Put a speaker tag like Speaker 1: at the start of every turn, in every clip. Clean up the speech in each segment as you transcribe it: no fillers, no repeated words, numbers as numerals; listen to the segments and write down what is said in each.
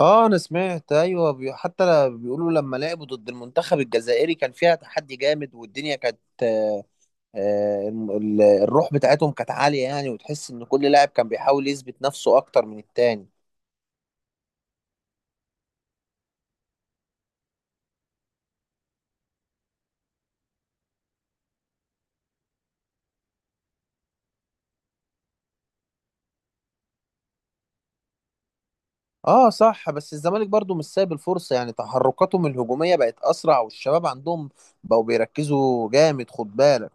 Speaker 1: اه، انا سمعت ايوه. بيقولوا لما لعبوا ضد المنتخب الجزائري كان فيها تحدي جامد والدنيا كانت الروح بتاعتهم كانت عالية، يعني وتحس ان كل لاعب كان بيحاول يثبت نفسه اكتر من التاني. اه، صح. بس الزمالك برضو مش سايب الفرصة، يعني تحركاتهم الهجومية بقت اسرع والشباب عندهم بقوا بيركزوا جامد، خد بالك.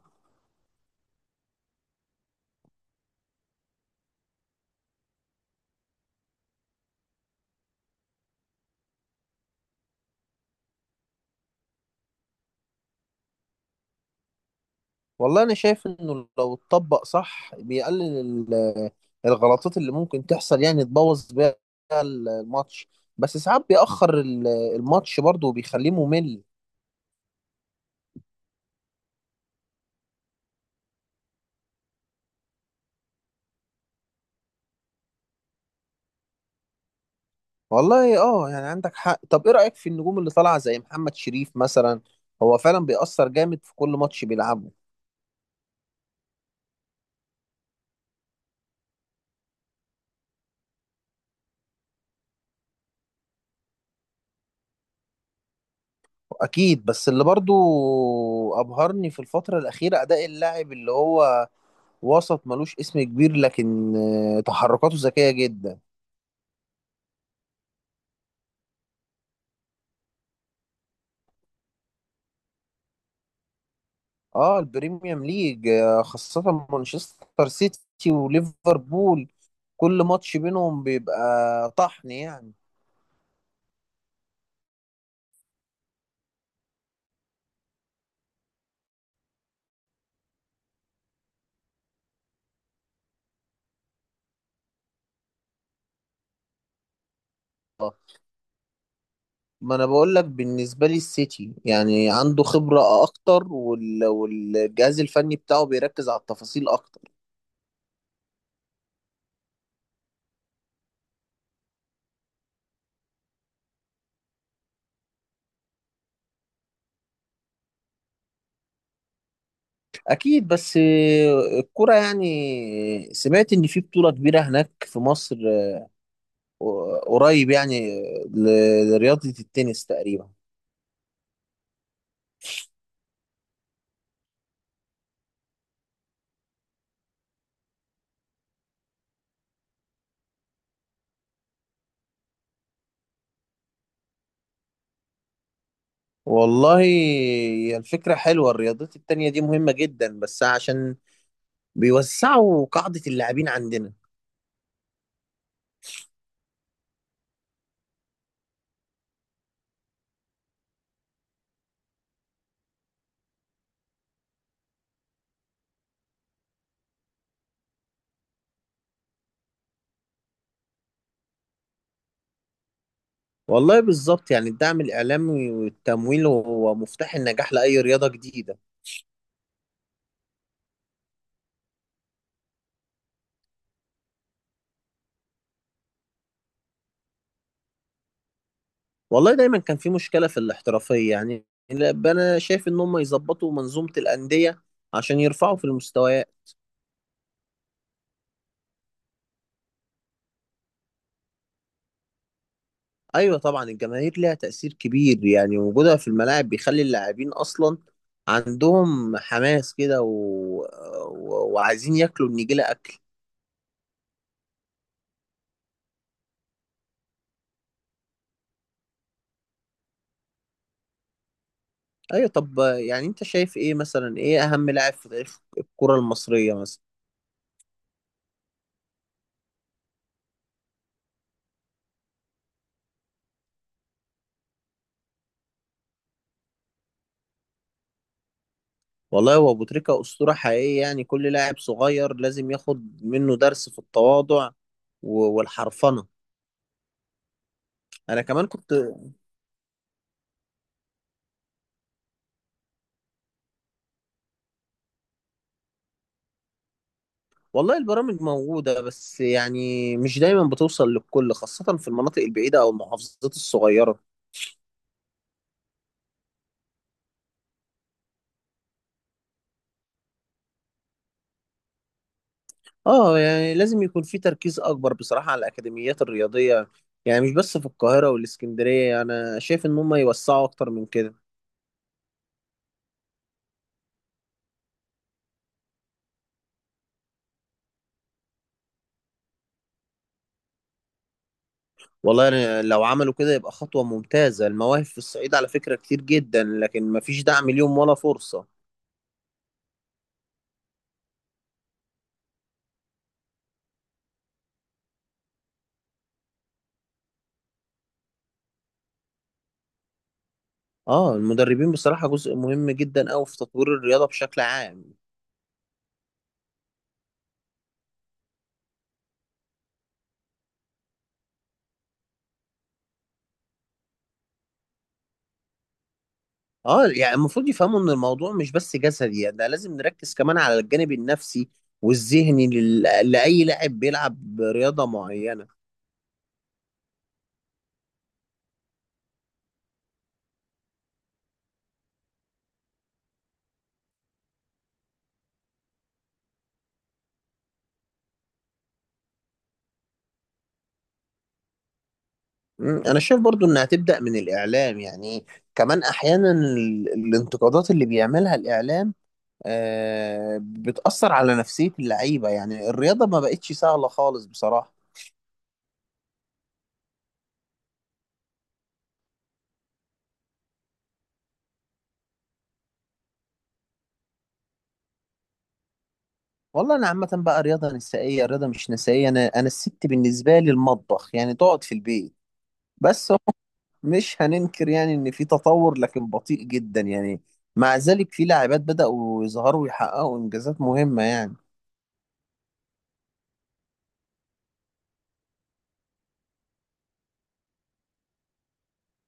Speaker 1: والله انا شايف انه لو اتطبق صح بيقلل ال- الغلطات اللي ممكن تحصل يعني تبوظ بيها الماتش. بس ساعات بيأخر الماتش برضه وبيخليه ممل. والله اه، يعني عندك حق. طب ايه رأيك في النجوم اللي طالعة زي محمد شريف مثلا؟ هو فعلا بيأثر جامد في كل ماتش بيلعبه. اكيد. بس اللي برضه ابهرني في الفترة الأخيرة اداء اللاعب اللي هو وسط ملوش اسم كبير، لكن تحركاته ذكية جدا. اه، البريميوم ليج، خاصة مانشستر سيتي وليفربول. كل ماتش بينهم بيبقى طحن يعني. ما انا بقول لك، بالنسبة لي السيتي يعني عنده خبرة اكتر، والجهاز الفني بتاعه بيركز على التفاصيل اكتر. اكيد. بس الكرة، يعني سمعت ان في بطولة كبيرة هناك في مصر قريب، يعني لرياضة التنس تقريبا. والله هي الفكرة حلوة. الرياضات التانية دي مهمة جدا، بس عشان بيوسعوا قاعدة اللاعبين عندنا. والله بالظبط. يعني الدعم الإعلامي والتمويل هو مفتاح النجاح لأي رياضة جديدة. والله دايما كان في مشكلة في الاحترافية. يعني أنا شايف إن هم يظبطوا منظومة الأندية عشان يرفعوا في المستويات. أيوة طبعا. الجماهير ليها تأثير كبير، يعني وجودها في الملاعب بيخلي اللاعبين أصلا عندهم حماس كده وعايزين ياكلوا النجيلة. ايوه. طب يعني انت شايف ايه مثلا، ايه اهم لاعب في تاريخ الكرة المصرية مثلا؟ والله هو ابو تريكة اسطورة حقيقية. يعني كل لاعب صغير لازم ياخد منه درس في التواضع والحرفنة. انا كمان كنت. والله البرامج موجودة. بس يعني مش دايما بتوصل للكل، خاصة في المناطق البعيدة او المحافظات الصغيرة. اه، يعني لازم يكون في تركيز اكبر بصراحة على الاكاديميات الرياضية. يعني مش بس في القاهرة والاسكندرية، انا شايف ان هم يوسعوا اكتر من كده. والله يعني لو عملوا كده يبقى خطوة ممتازة. المواهب في الصعيد على فكرة كتير جدا، لكن مفيش دعم ليهم ولا فرصة. اه. المدربين بصراحة جزء مهم جدا أوي في تطوير الرياضة بشكل عام. اه، يعني المفروض يفهموا ان الموضوع مش بس جسدي. يعني ده لازم نركز كمان على الجانب النفسي والذهني لأي لاعب بيلعب رياضة معينة. انا شايف برضو انها تبدأ من الإعلام. يعني كمان احيانا الانتقادات اللي بيعملها الإعلام بتأثر على نفسية اللعيبة. يعني الرياضة ما بقتش سهلة خالص بصراحة. والله أنا عامة بقى رياضة نسائية رياضة مش نسائية، أنا الست بالنسبة لي المطبخ، يعني تقعد في البيت. بس هو مش هننكر، يعني إن في تطور لكن بطيء جدا. يعني مع ذلك في لاعبات بدأوا يظهروا ويحققوا إنجازات مهمة يعني.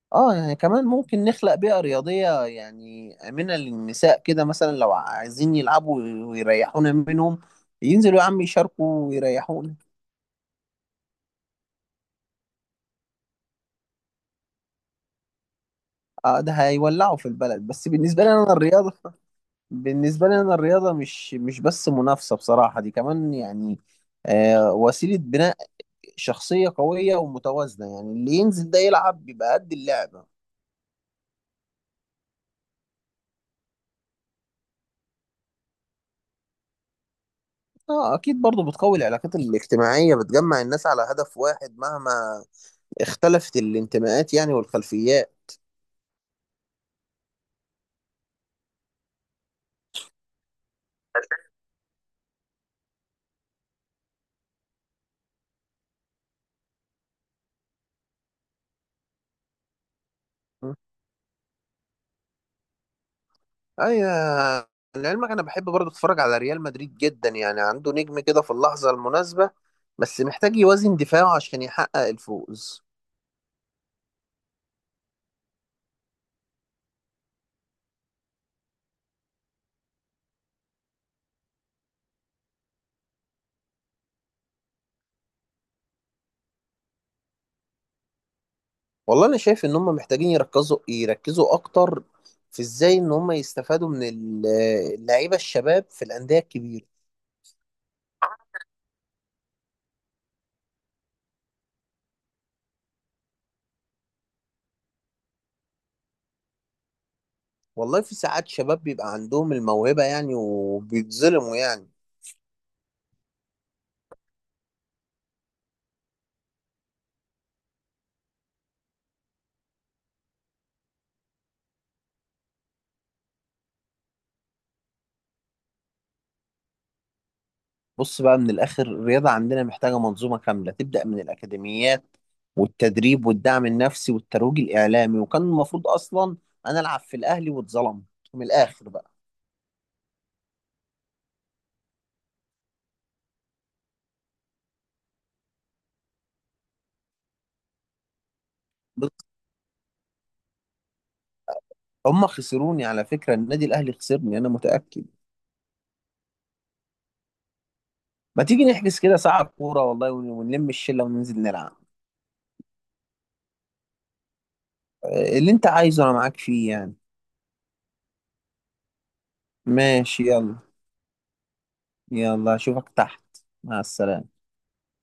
Speaker 1: اه، يعني كمان ممكن نخلق بيئة رياضية يعني آمنة للنساء، كده مثلا لو عايزين يلعبوا ويريحونا منهم ينزلوا يا عم يشاركوا ويريحونا. اه، ده هيولعوا في البلد. بس بالنسبة لي انا الرياضة مش بس منافسة بصراحة، دي كمان يعني وسيلة بناء شخصية قوية ومتوازنة، يعني اللي ينزل ده يلعب بيبقى قد اللعبة. اه اكيد. برضو بتقوي العلاقات الاجتماعية، بتجمع الناس على هدف واحد مهما اختلفت الانتماءات، يعني والخلفيات. ايوه. لعلمك انا بحب برضه اتفرج على ريال مدريد جدا، يعني عنده نجم كده في اللحظه المناسبه، بس محتاج يوازن دفاعه عشان يحقق الفوز. والله انا شايف ان هم محتاجين يركزوا اكتر في ازاي ان هم يستفادوا من اللعيبه الشباب في الانديه الكبيره. والله في ساعات شباب بيبقى عندهم الموهبه يعني، وبيتظلموا يعني. بص بقى، من الآخر الرياضة عندنا محتاجة منظومة كاملة تبدأ من الأكاديميات والتدريب والدعم النفسي والترويج الإعلامي. وكان المفروض أصلا أنا ألعب في الأهلي واتظلمت، من الآخر بقى. بص، هم خسروني على فكرة. النادي الأهلي خسرني، أنا متأكد. ما تيجي نحجز كده ساعة كورة والله ونلم الشلة وننزل نلعب. اللي أنت عايزه أنا معاك فيه يعني. ماشي، يلا. يلا أشوفك تحت. مع السلامة.